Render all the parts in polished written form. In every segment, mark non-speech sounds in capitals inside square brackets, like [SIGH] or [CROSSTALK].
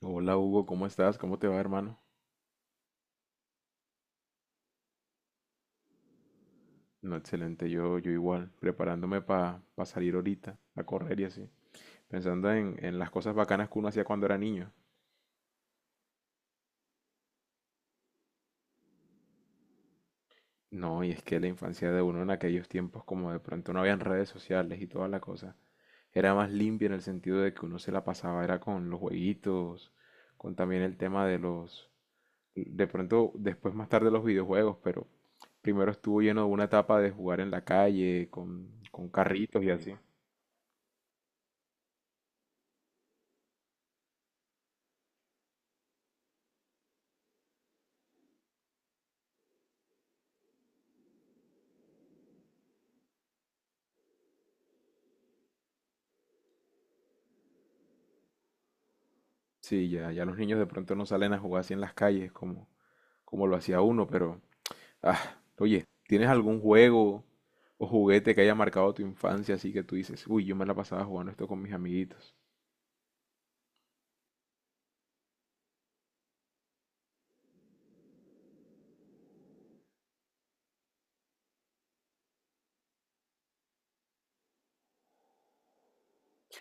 Hola Hugo, ¿cómo estás? ¿Cómo te va, hermano? No, excelente, yo igual, preparándome para salir ahorita, a correr y así, pensando en las cosas bacanas que uno hacía cuando era niño. No, y es que la infancia de uno en aquellos tiempos, como de pronto no habían redes sociales y toda la cosa, era más limpia en el sentido de que uno se la pasaba, era con los jueguitos, con también el tema de los, de pronto después más tarde los videojuegos, pero primero estuvo lleno de una etapa de jugar en la calle, con carritos y así. Sí, ya los niños de pronto no salen a jugar así en las calles como, como lo hacía uno, pero, ah, oye, ¿tienes algún juego o juguete que haya marcado tu infancia así que tú dices, uy, yo me la pasaba jugando esto con mis amiguitos?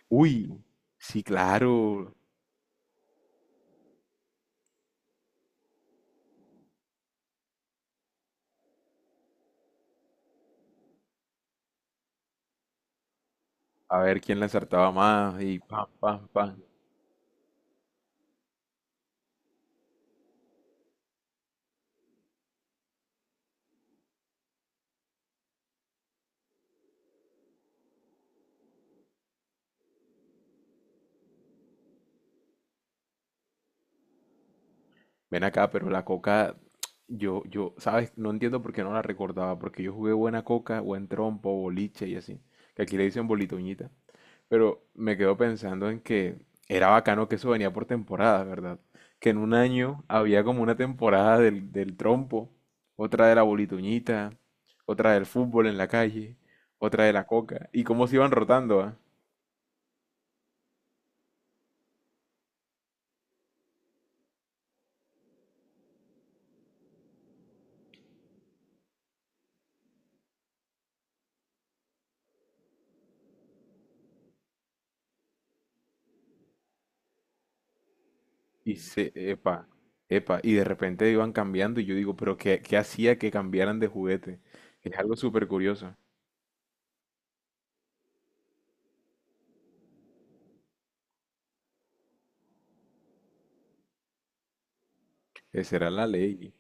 Uy, sí, claro. A ver quién la acertaba más y pam, pam, pam. Ven acá, pero la coca, ¿sabes? No entiendo por qué no la recordaba, porque yo jugué buena coca, buen trompo, boliche y así, que aquí le dicen bolitoñita. Pero me quedo pensando en que era bacano que eso venía por temporadas, ¿verdad? Que en un año había como una temporada del trompo, otra de la bolitoñita, otra del fútbol en la calle, otra de la coca, y cómo se iban rotando, ¿ah? Y se, epa, epa, y de repente iban cambiando y yo digo, pero ¿qué hacía que cambiaran de juguete? Es algo súper curioso. Esa era la ley.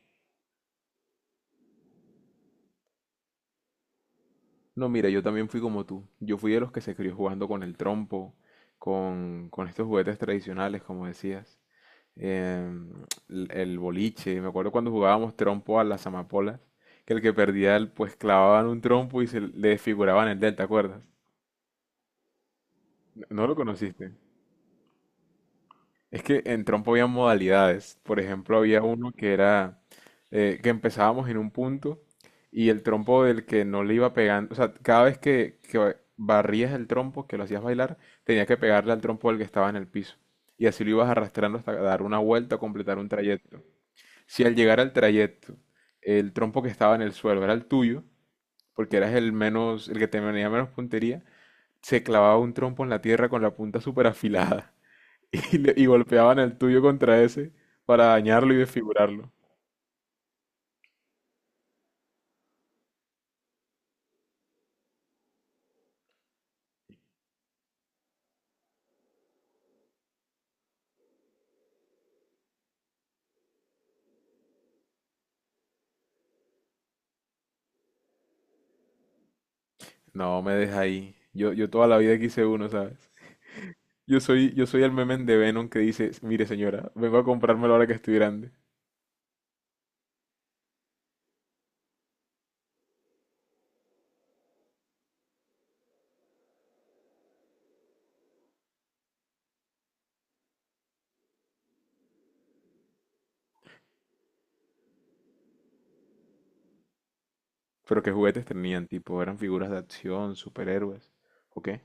No, mira, yo también fui como tú. Yo fui de los que se crió jugando con el trompo, con estos juguetes tradicionales, como decías. em, el boliche. Me acuerdo cuando jugábamos trompo a las amapolas, que el que perdía, el- pues clavaban un trompo y se le desfiguraban el delta, ¿te acuerdas? ¿No lo conociste? Es que en trompo había modalidades. Por ejemplo, había uno que era que empezábamos en un punto y el trompo del que no le iba pegando, o sea, cada vez que barrías el trompo, que lo hacías bailar, tenía que pegarle al trompo del que estaba en el piso. Y así lo ibas arrastrando hasta dar una vuelta o completar un trayecto. Si al llegar al trayecto, el trompo que estaba en el suelo era el tuyo, porque eras el menos, el que tenía menos puntería, se clavaba un trompo en la tierra con la punta súper afilada. [LAUGHS] Y, le- y golpeaban el tuyo contra ese para dañarlo y desfigurarlo. No, me deja ahí. Yo toda la vida quise uno, ¿sabes? Yo soy el meme de Venom que dice, mire señora, vengo a comprármelo ahora que estoy grande. Pero qué juguetes tenían, tipo, eran figuras de acción, superhéroes, ¿o qué?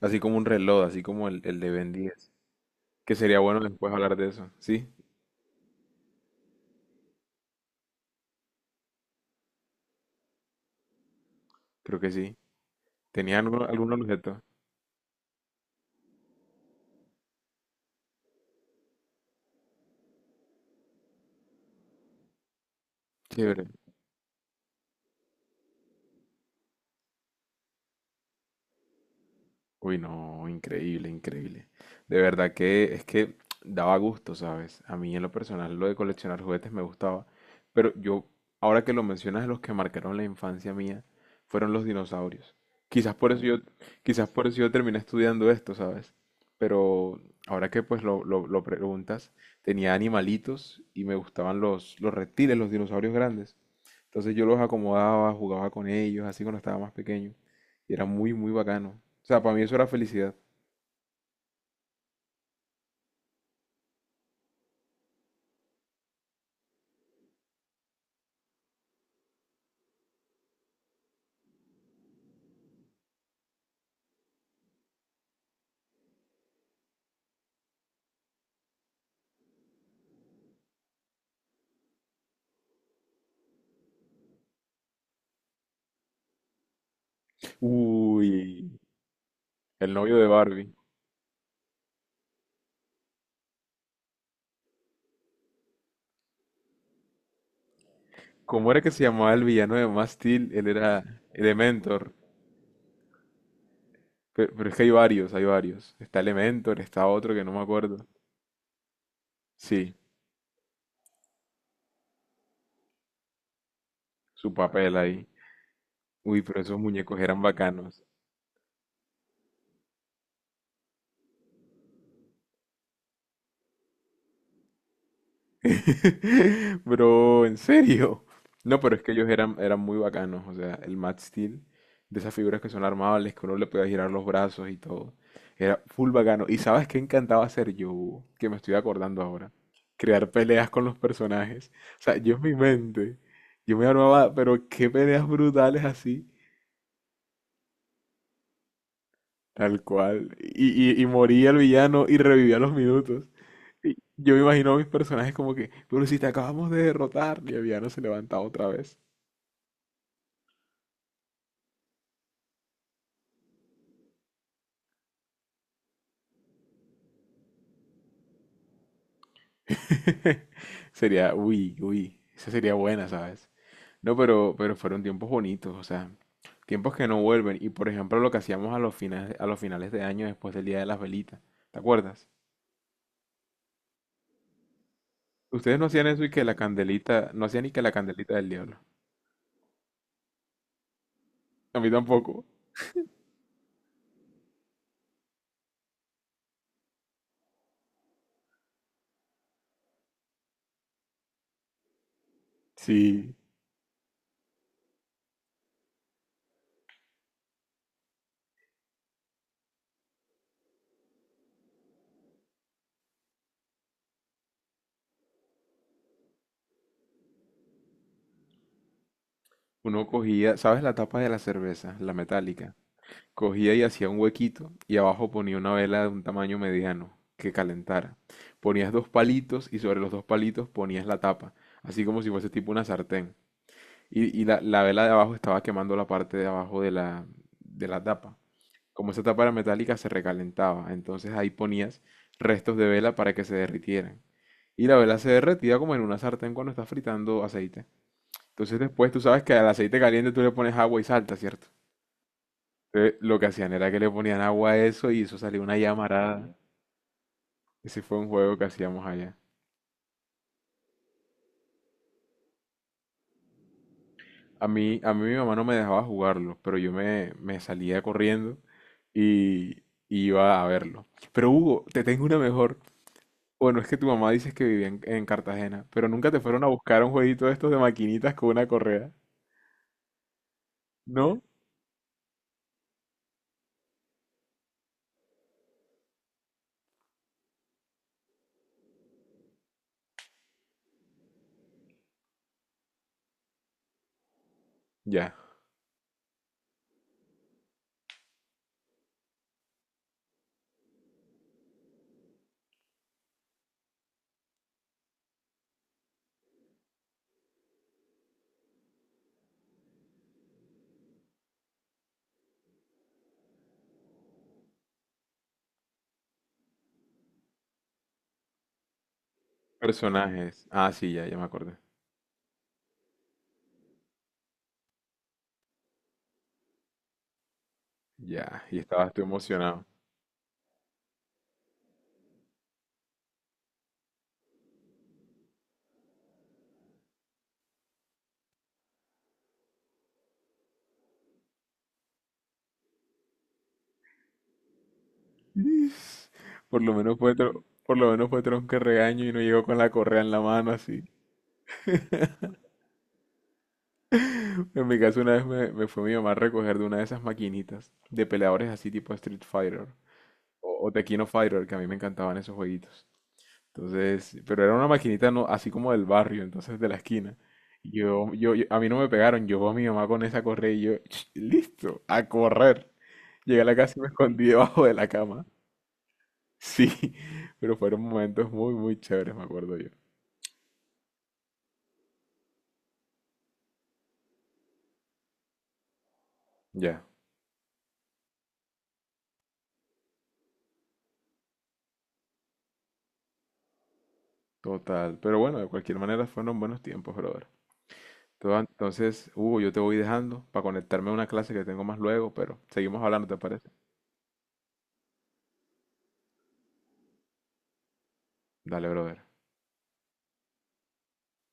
Así como un reloj, así como el de Ben 10. Que sería bueno después hablar de eso, ¿sí? Creo que sí. ¿Tenían algún, algún objeto? Chévere. Uy, no, increíble, increíble. De verdad que es que daba gusto, ¿sabes? A mí en lo personal lo de coleccionar juguetes me gustaba, pero yo, ahora que lo mencionas, los que marcaron la infancia mía fueron los dinosaurios. Quizás por eso yo, quizás por eso yo terminé estudiando esto, ¿sabes? Pero ahora que pues lo, lo preguntas, tenía animalitos y me gustaban los reptiles, los dinosaurios grandes. Entonces yo los acomodaba, jugaba con ellos, así cuando estaba más pequeño. Y era muy bacano. O sea, para mí eso era felicidad. Uy, el novio de Barbie. ¿Cómo era que se llamaba el villano de Max Steel? Él era Elementor. Pero, es que hay varios, hay varios. Está Elementor, está otro que no me acuerdo. Sí, su papel ahí. Uy, pero esos muñecos eran bacanos. [LAUGHS] Bro, en serio. No, pero es que ellos eran muy bacanos. O sea, el Max Steel, de esas figuras que son armables, que uno le podía girar los brazos y todo. Era full bacano. ¿Y sabes qué encantaba hacer yo? Que me estoy acordando ahora. Crear peleas con los personajes. O sea, yo en mi mente, yo me armaba, pero qué peleas brutales así. Tal cual. Y moría el villano y revivía a los minutos. Y yo me imagino a mis personajes como que, pero si te acabamos de derrotar, y Aviano se levanta otra vez. [LAUGHS] Sería, uy, uy, esa sería buena, ¿sabes? No, pero fueron tiempos bonitos, o sea, tiempos que no vuelven. Y por ejemplo, lo que hacíamos a los finales de año después del Día de las Velitas, ¿te acuerdas? Ustedes no hacían eso y que la candelita, no hacían ni que la candelita del diablo. A mí tampoco. Sí, uno cogía, ¿sabes la tapa de la cerveza? La metálica. Cogía y hacía un huequito y abajo ponía una vela de un tamaño mediano que calentara. Ponías dos palitos y sobre los dos palitos ponías la tapa, así como si fuese tipo una sartén. La vela de abajo estaba quemando la parte de abajo de la tapa. Como esa tapa era metálica, se recalentaba. Entonces ahí ponías restos de vela para que se derritieran. Y la vela se derretía como en una sartén cuando estás fritando aceite. Entonces después tú sabes que al aceite caliente tú le pones agua y salta, ¿cierto? Entonces, lo que hacían era que le ponían agua a eso y eso salía una llamarada. Ujú. Ese fue un juego que hacíamos allá. A mí mi mamá no me dejaba jugarlo, pero me salía corriendo y, y iba a verlo. Pero Hugo, te tengo una mejor. Bueno, es que tu mamá dices que vivía en Cartagena, pero nunca te fueron a buscar un jueguito de estos de maquinitas con una correa. ¿No? Ya. Personajes. Ah, sí, ya, ya me acordé. Ya, y estabas tú emocionado. [LAUGHS] Por lo menos fue tronco de regaño y no llegó con la correa en la mano así. En mi caso una vez me fue mi mamá a recoger de una de esas maquinitas de peleadores así tipo Street Fighter o Tekken Fighter que a mí me encantaban esos jueguitos. Entonces, pero era una maquinita no, así como del barrio, entonces de la esquina. Y a mí no me pegaron, yo veo a mi mamá con esa correa y yo, "Ch, listo, a correr. Llegué a la casa y me escondí [LAUGHS] debajo de la cama. Sí, [LAUGHS] pero fueron momentos muy chéveres, me acuerdo yo. Ya. Total, pero bueno, de cualquier manera fueron buenos tiempos, brother. Todo- Entonces, Hugo, yo te voy dejando para conectarme a una clase que tengo más luego, pero seguimos hablando, ¿te parece? Dale, brother.